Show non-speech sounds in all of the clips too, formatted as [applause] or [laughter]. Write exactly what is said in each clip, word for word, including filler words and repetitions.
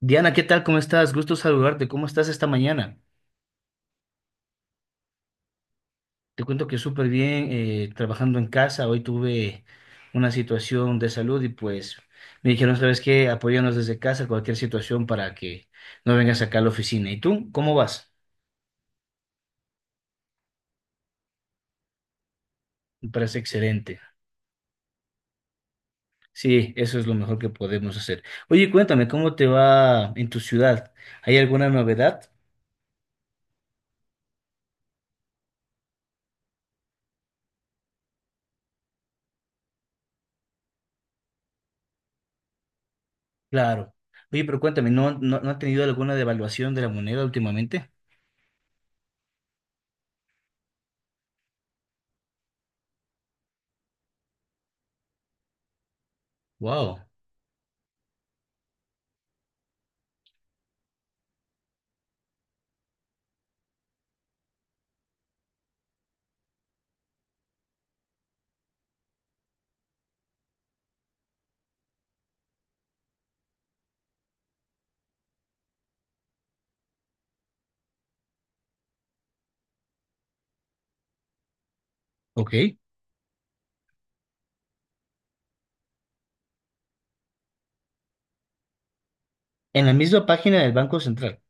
Diana, ¿qué tal? ¿Cómo estás? Gusto saludarte. ¿Cómo estás esta mañana? Te cuento que súper bien, eh, trabajando en casa. Hoy tuve una situación de salud y pues me dijeron, ¿sabes qué? Apóyanos desde casa, cualquier situación para que no vengas acá a la oficina. ¿Y tú? ¿Cómo vas? Me parece excelente. Sí, eso es lo mejor que podemos hacer. Oye, cuéntame, ¿cómo te va en tu ciudad? ¿Hay alguna novedad? Claro. Oye, pero cuéntame, ¿no, no, no ha tenido alguna devaluación de la moneda últimamente? Wow. Ok. En la misma página del Banco Central.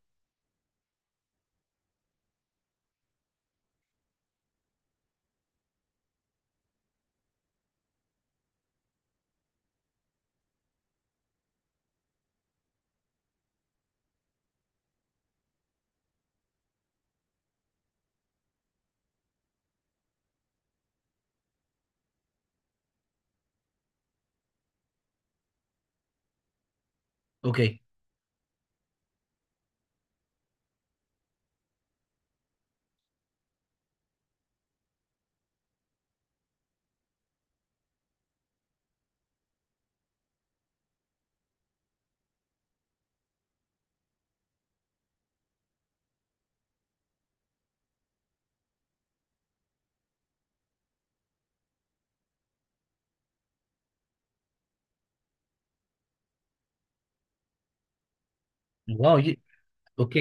Ok. Wow, oye, ok.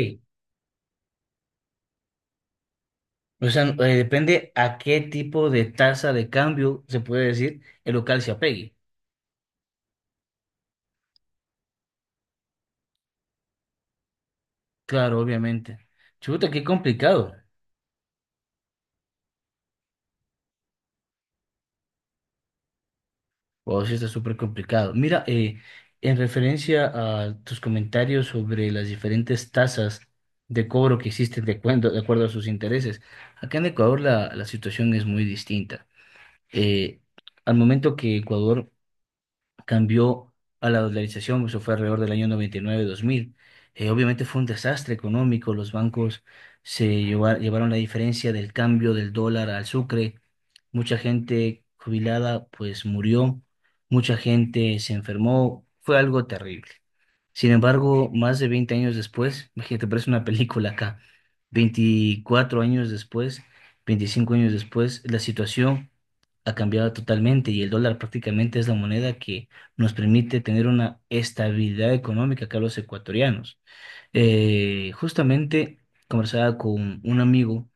O sea, eh, depende a qué tipo de tasa de cambio se puede decir el local se apegue. Claro, obviamente. Chuta, qué complicado. Wow, sí está súper complicado. Mira, eh, en referencia a tus comentarios sobre las diferentes tasas de cobro que existen de acuerdo, de acuerdo a sus intereses, acá en Ecuador la, la situación es muy distinta. Eh, al momento que Ecuador cambió a la dolarización, eso fue alrededor del año noventa y nueve-dos mil. Eh, obviamente fue un desastre económico, los bancos se lleva- llevaron la diferencia del cambio del dólar al sucre, mucha gente jubilada pues murió, mucha gente se enfermó, fue algo terrible. Sin embargo, más de veinte años después, imagínate, parece una película acá, veinticuatro años después, veinticinco años después, la situación ha cambiado totalmente y el dólar prácticamente es la moneda que nos permite tener una estabilidad económica acá a los ecuatorianos. Eh, justamente conversaba con un amigo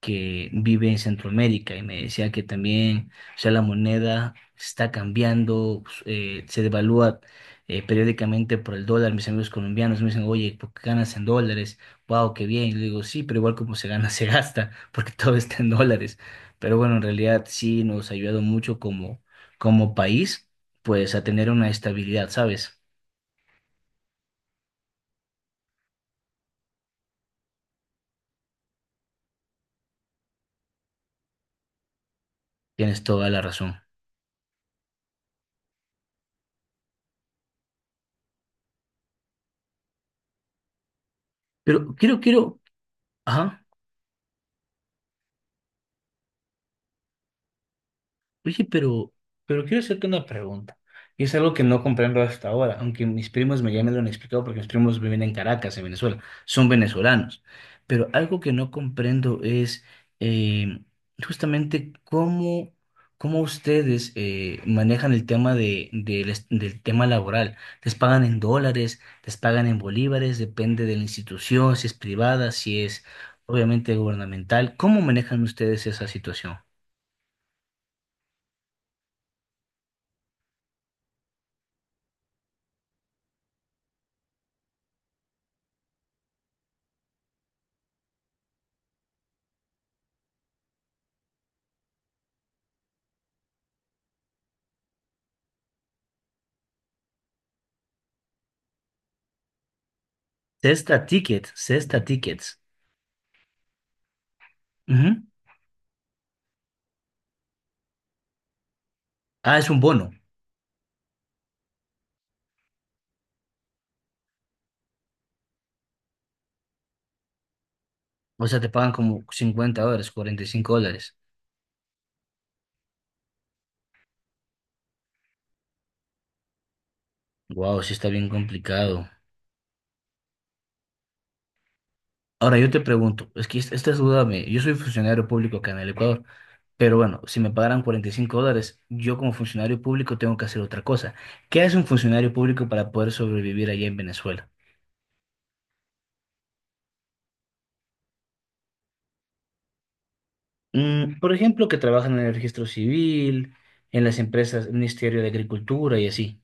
que vive en Centroamérica y me decía que también, o sea, la moneda está cambiando, pues, eh, se devalúa eh, periódicamente por el dólar. Mis amigos colombianos me dicen, oye, ¿por qué ganas en dólares? Wow, qué bien. Y le digo, sí, pero igual como se gana, [laughs] se gasta, porque todo está en dólares. Pero bueno, en realidad sí nos ha ayudado mucho como, como país, pues a tener una estabilidad, ¿sabes? Tienes toda la razón. Pero quiero, quiero, ajá. Oye, pero, pero quiero hacerte una pregunta. Y es algo que no comprendo hasta ahora, aunque mis primos me, ya me lo han explicado porque mis primos viven en Caracas, en Venezuela. Son venezolanos. Pero algo que no comprendo es eh, justamente cómo, cómo ustedes eh, manejan el tema de, del est- del tema laboral. ¿Les pagan en dólares? ¿Les pagan en bolívares? Depende de la institución, si es privada, si es obviamente gubernamental. ¿Cómo manejan ustedes esa situación? Cesta Ticket, Cesta Tickets. Ujú. Ah, es un bono. O sea, te pagan como cincuenta dólares, cuarenta y cinco dólares. Wow, sí está bien complicado. Ahora yo te pregunto, es que es- esta es duda mía. Yo soy funcionario público acá en el Ecuador, pero bueno, si me pagaran cuarenta y cinco dólares, yo como funcionario público tengo que hacer otra cosa. ¿Qué hace un funcionario público para poder sobrevivir allá en Venezuela? Mm, por ejemplo, que trabajan en el registro civil, en las empresas, Ministerio de Agricultura y así.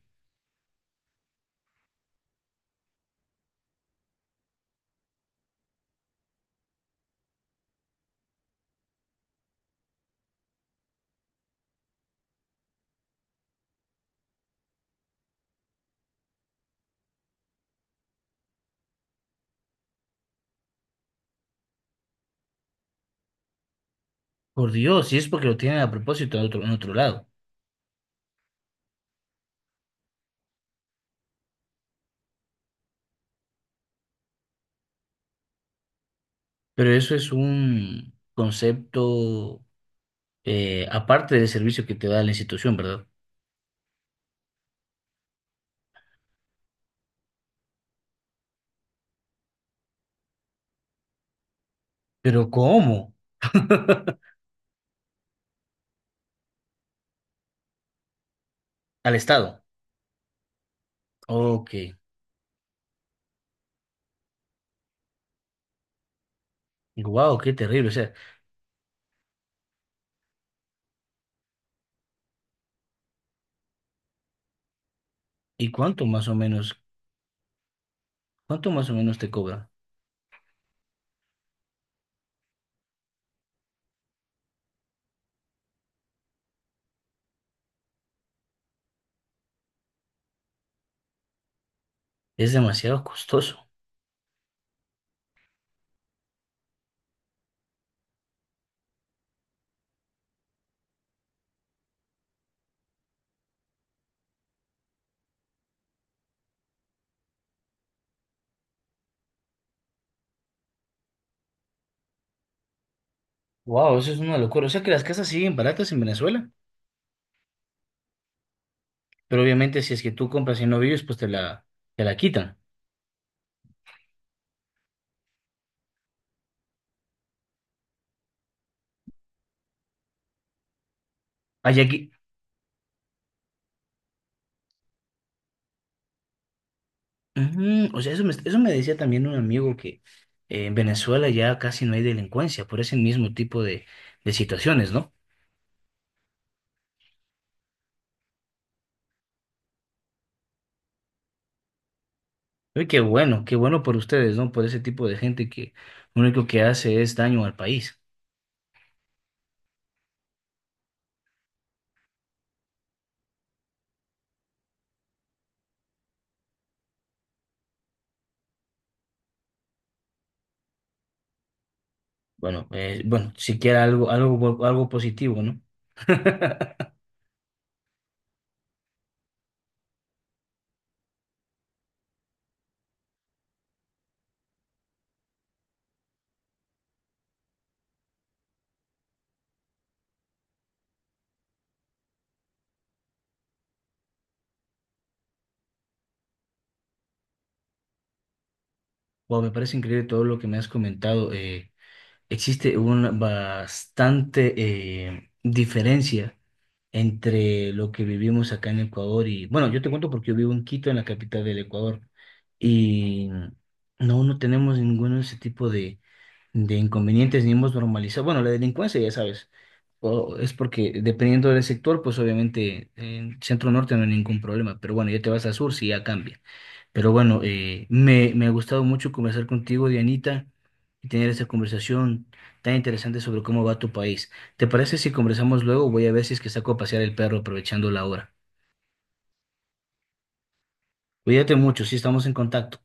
Por Dios, si es porque lo tienen a propósito en otro, en otro lado. Pero eso es un concepto eh, aparte del servicio que te da la institución, ¿verdad? Pero ¿cómo? [laughs] Al Estado. Ok. Wow, qué terrible. O sea, ¿y cuánto más o menos, cuánto más o menos te cobra? Es demasiado costoso. Wow, eso es una locura. O sea que las casas siguen baratas en Venezuela, pero obviamente si es que tú compras y no vives, pues te la, te la quitan. Allá, ujú, o sea, eso me, eso me decía también un amigo que eh, en Venezuela ya casi no hay delincuencia por ese mismo tipo de, de situaciones, ¿no? Uy, qué bueno, qué bueno por ustedes, ¿no? Por ese tipo de gente que lo único que hace es daño al país. Bueno, eh, bueno, siquiera algo, algo, bu- algo positivo, ¿no? [laughs] Wow, me parece increíble todo lo que me has comentado. eh, existe una bastante eh, diferencia entre lo que vivimos acá en Ecuador y, bueno, yo te cuento porque yo vivo en Quito, en la capital del Ecuador, y no, no tenemos ninguno de ese tipo de, de inconvenientes ni hemos normalizado. Bueno, la delincuencia, ya sabes, o- es porque dependiendo del sector, pues obviamente en Centro Norte no hay ningún problema, pero bueno, ya te vas a Sur, sí ya cambia. Pero bueno, eh, me, me ha gustado mucho conversar contigo, Dianita, y tener esta conversación tan interesante sobre cómo va tu país. ¿Te parece si conversamos luego? Voy a ver si es que saco a pasear el perro aprovechando la hora. Cuídate mucho, sí estamos en contacto.